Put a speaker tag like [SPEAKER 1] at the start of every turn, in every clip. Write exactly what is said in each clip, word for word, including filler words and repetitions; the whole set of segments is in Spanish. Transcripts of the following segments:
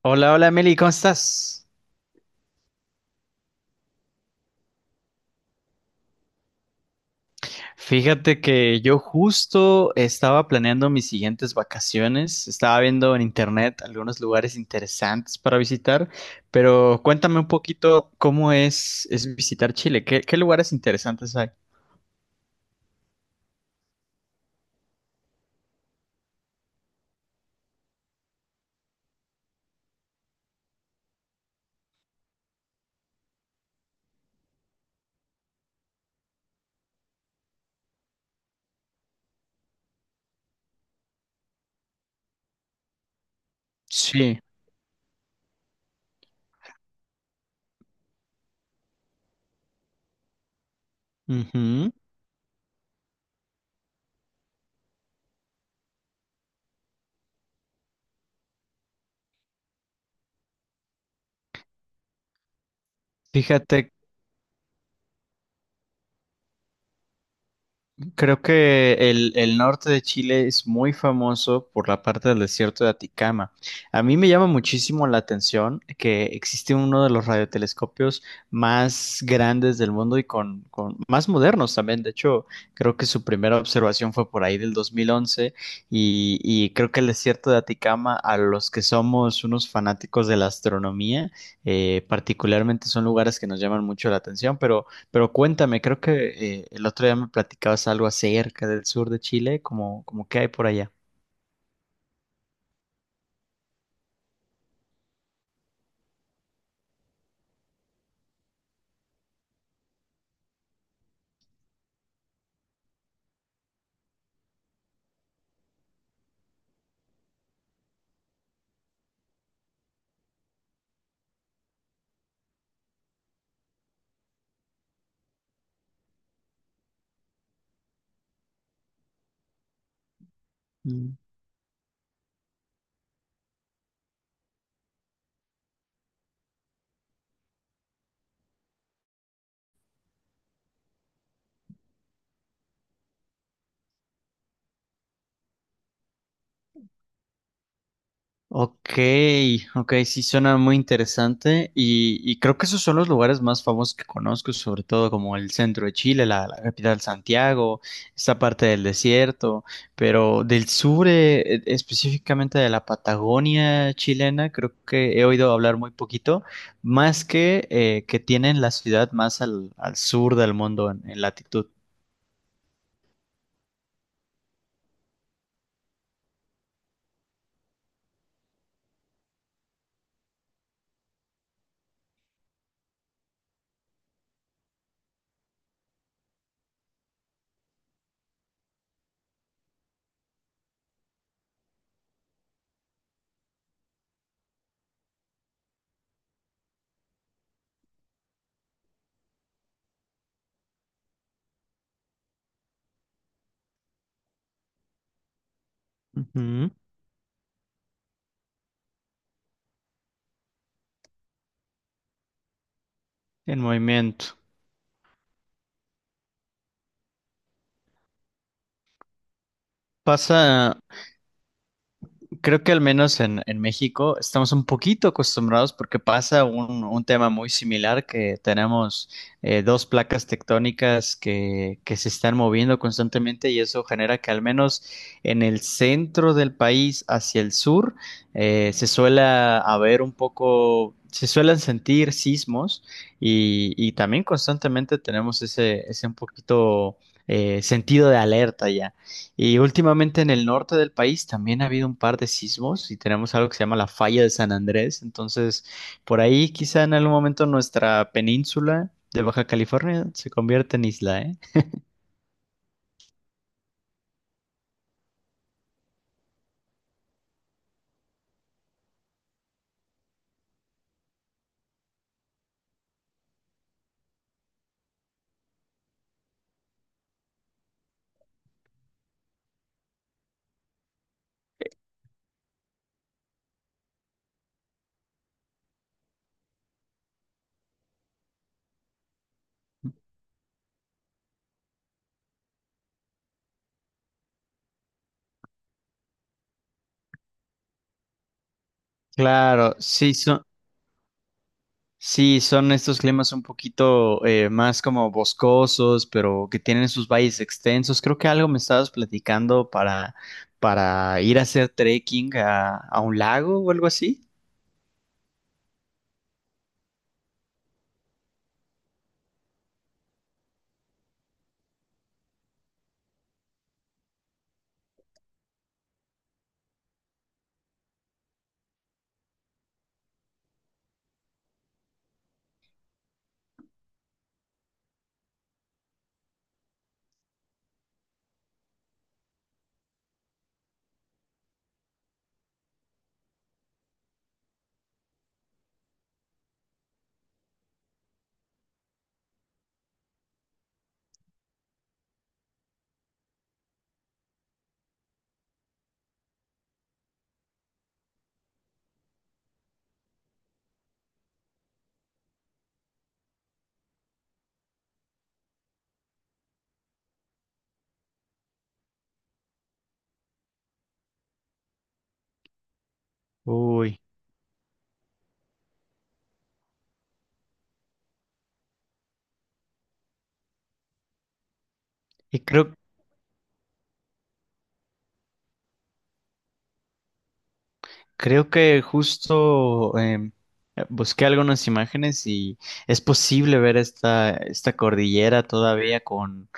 [SPEAKER 1] Hola, hola Meli, ¿cómo estás? Fíjate que yo justo estaba planeando mis siguientes vacaciones, estaba viendo en internet algunos lugares interesantes para visitar, pero cuéntame un poquito cómo es, es visitar Chile, ¿qué, qué lugares interesantes hay? Sí. Ujú. Fíjate. Creo que el, el norte de Chile es muy famoso por la parte del desierto de Aticama. A mí me llama muchísimo la atención que existe uno de los radiotelescopios más grandes del mundo y con, con más modernos también. De hecho, creo que su primera observación fue por ahí del dos mil once y, y creo que el desierto de Aticama, a los que somos unos fanáticos de la astronomía, eh, particularmente son lugares que nos llaman mucho la atención, pero... Pero cuéntame, creo que eh, el otro día me platicabas algo acerca del sur de Chile, como, como qué hay por allá. Mm. Ok, ok, sí suena muy interesante y, y creo que esos son los lugares más famosos que conozco, sobre todo como el centro de Chile, la, la capital Santiago, esta parte del desierto, pero del sur, eh, específicamente de la Patagonia chilena, creo que he oído hablar muy poquito, más que eh, que tienen la ciudad más al, al sur del mundo en en latitud. Ujú. En movimiento. Pasa, creo que al menos en, en México estamos un poquito acostumbrados porque pasa un, un tema muy similar que tenemos eh, dos placas tectónicas que, que se están moviendo constantemente y eso genera que al menos en el centro del país hacia el sur, eh, se suele haber un poco, se suelen sentir sismos y, y también constantemente tenemos ese, ese un poquito eh, sentido de alerta ya. Y últimamente en el norte del país también ha habido un par de sismos y tenemos algo que se llama la falla de San Andrés. Entonces, por ahí quizá en algún momento nuestra península de Baja California se convierte en isla, ¿eh? Claro, sí, son, sí, son estos climas un poquito eh, más como boscosos, pero que tienen sus valles extensos. Creo que algo me estabas platicando para, para ir a hacer trekking a, a un lago o algo así. Uy, y creo. Creo que justo em, busqué algunas imágenes y es posible ver esta, esta cordillera todavía con,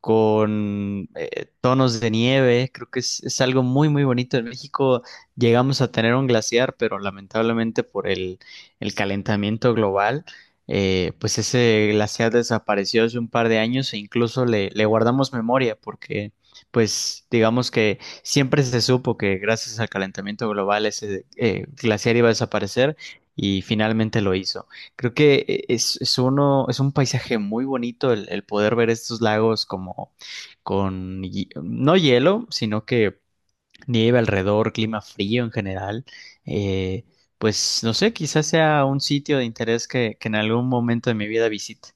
[SPEAKER 1] con eh, tonos de nieve. Creo que es, es algo muy, muy bonito. En México llegamos a tener un glaciar, pero lamentablemente por el, el calentamiento global, eh, pues ese glaciar desapareció hace un par de años e incluso le, le guardamos memoria porque, pues, digamos que siempre se supo que gracias al calentamiento global ese eh, glaciar iba a desaparecer y finalmente lo hizo. Creo que eh, es, es uno, es un paisaje muy bonito el, el poder ver estos lagos como con hie- no hielo, sino que nieve alrededor, clima frío en general. Eh, pues no sé, quizás sea un sitio de interés que, que en algún momento de mi vida visite.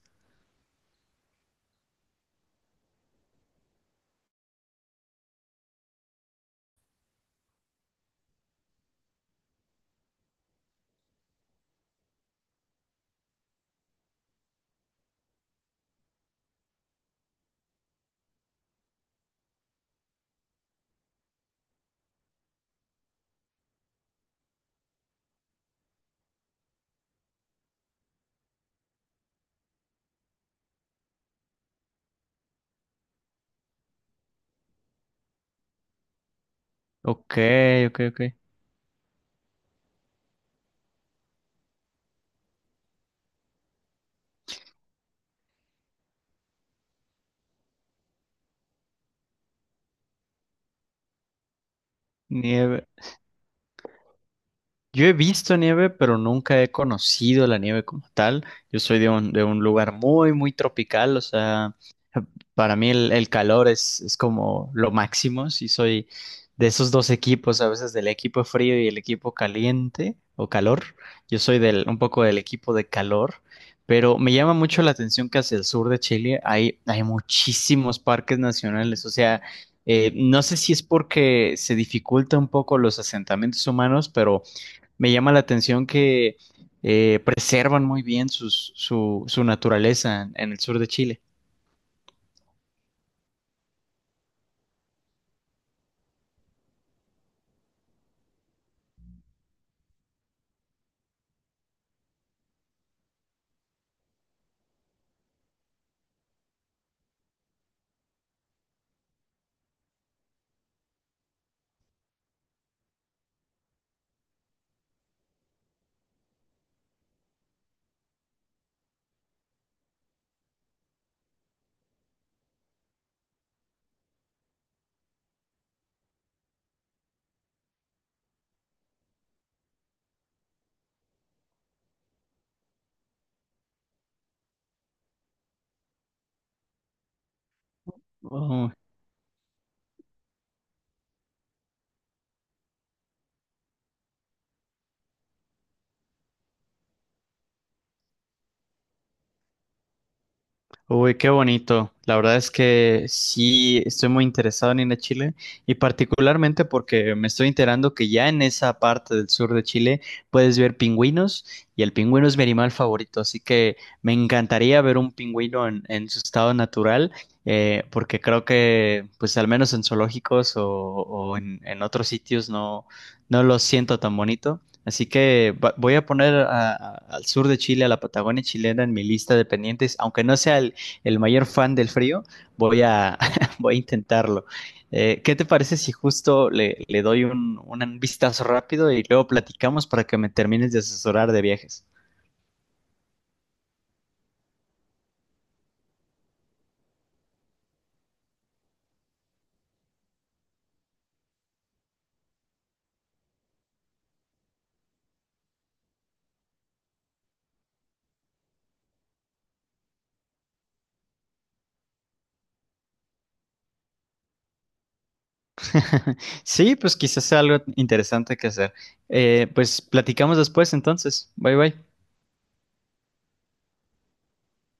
[SPEAKER 1] Ok, ok, ok. Nieve. Yo he visto nieve, pero nunca he conocido la nieve como tal. Yo soy de un, de un lugar muy, muy tropical, o sea. Para mí el, el calor es, es como lo máximo. Si soy de esos dos equipos, a veces del equipo frío y el equipo caliente o calor, yo soy del, un poco del equipo de calor, pero me llama mucho la atención que hacia el sur de Chile hay, hay muchísimos parques nacionales. O sea, eh, no sé si es porque se dificulta un poco los asentamientos humanos, pero me llama la atención que eh, preservan muy bien sus- su, su naturaleza en el sur de Chile. Oh. Uy, qué bonito. La verdad es que sí estoy muy interesado en ir a Chile y particularmente porque me estoy enterando que ya en esa parte del sur de Chile puedes ver pingüinos y el pingüino es mi animal favorito, así que me encantaría ver un pingüino en, en su estado natural, eh, porque creo que pues al menos en zoológicos o, o en, en otros sitios no, no lo siento tan bonito. Así que va- voy a poner a- a- al sur de Chile, a la Patagonia chilena en mi lista de pendientes, aunque no sea el, el mayor fan del frío, voy a, voy a intentarlo. Eh, ¿qué te parece si justo le, le doy un, un vistazo rápido y luego platicamos para que me termines de asesorar de viajes? Sí, pues quizás sea algo interesante que hacer. Eh, pues platicamos después entonces. Bye bye.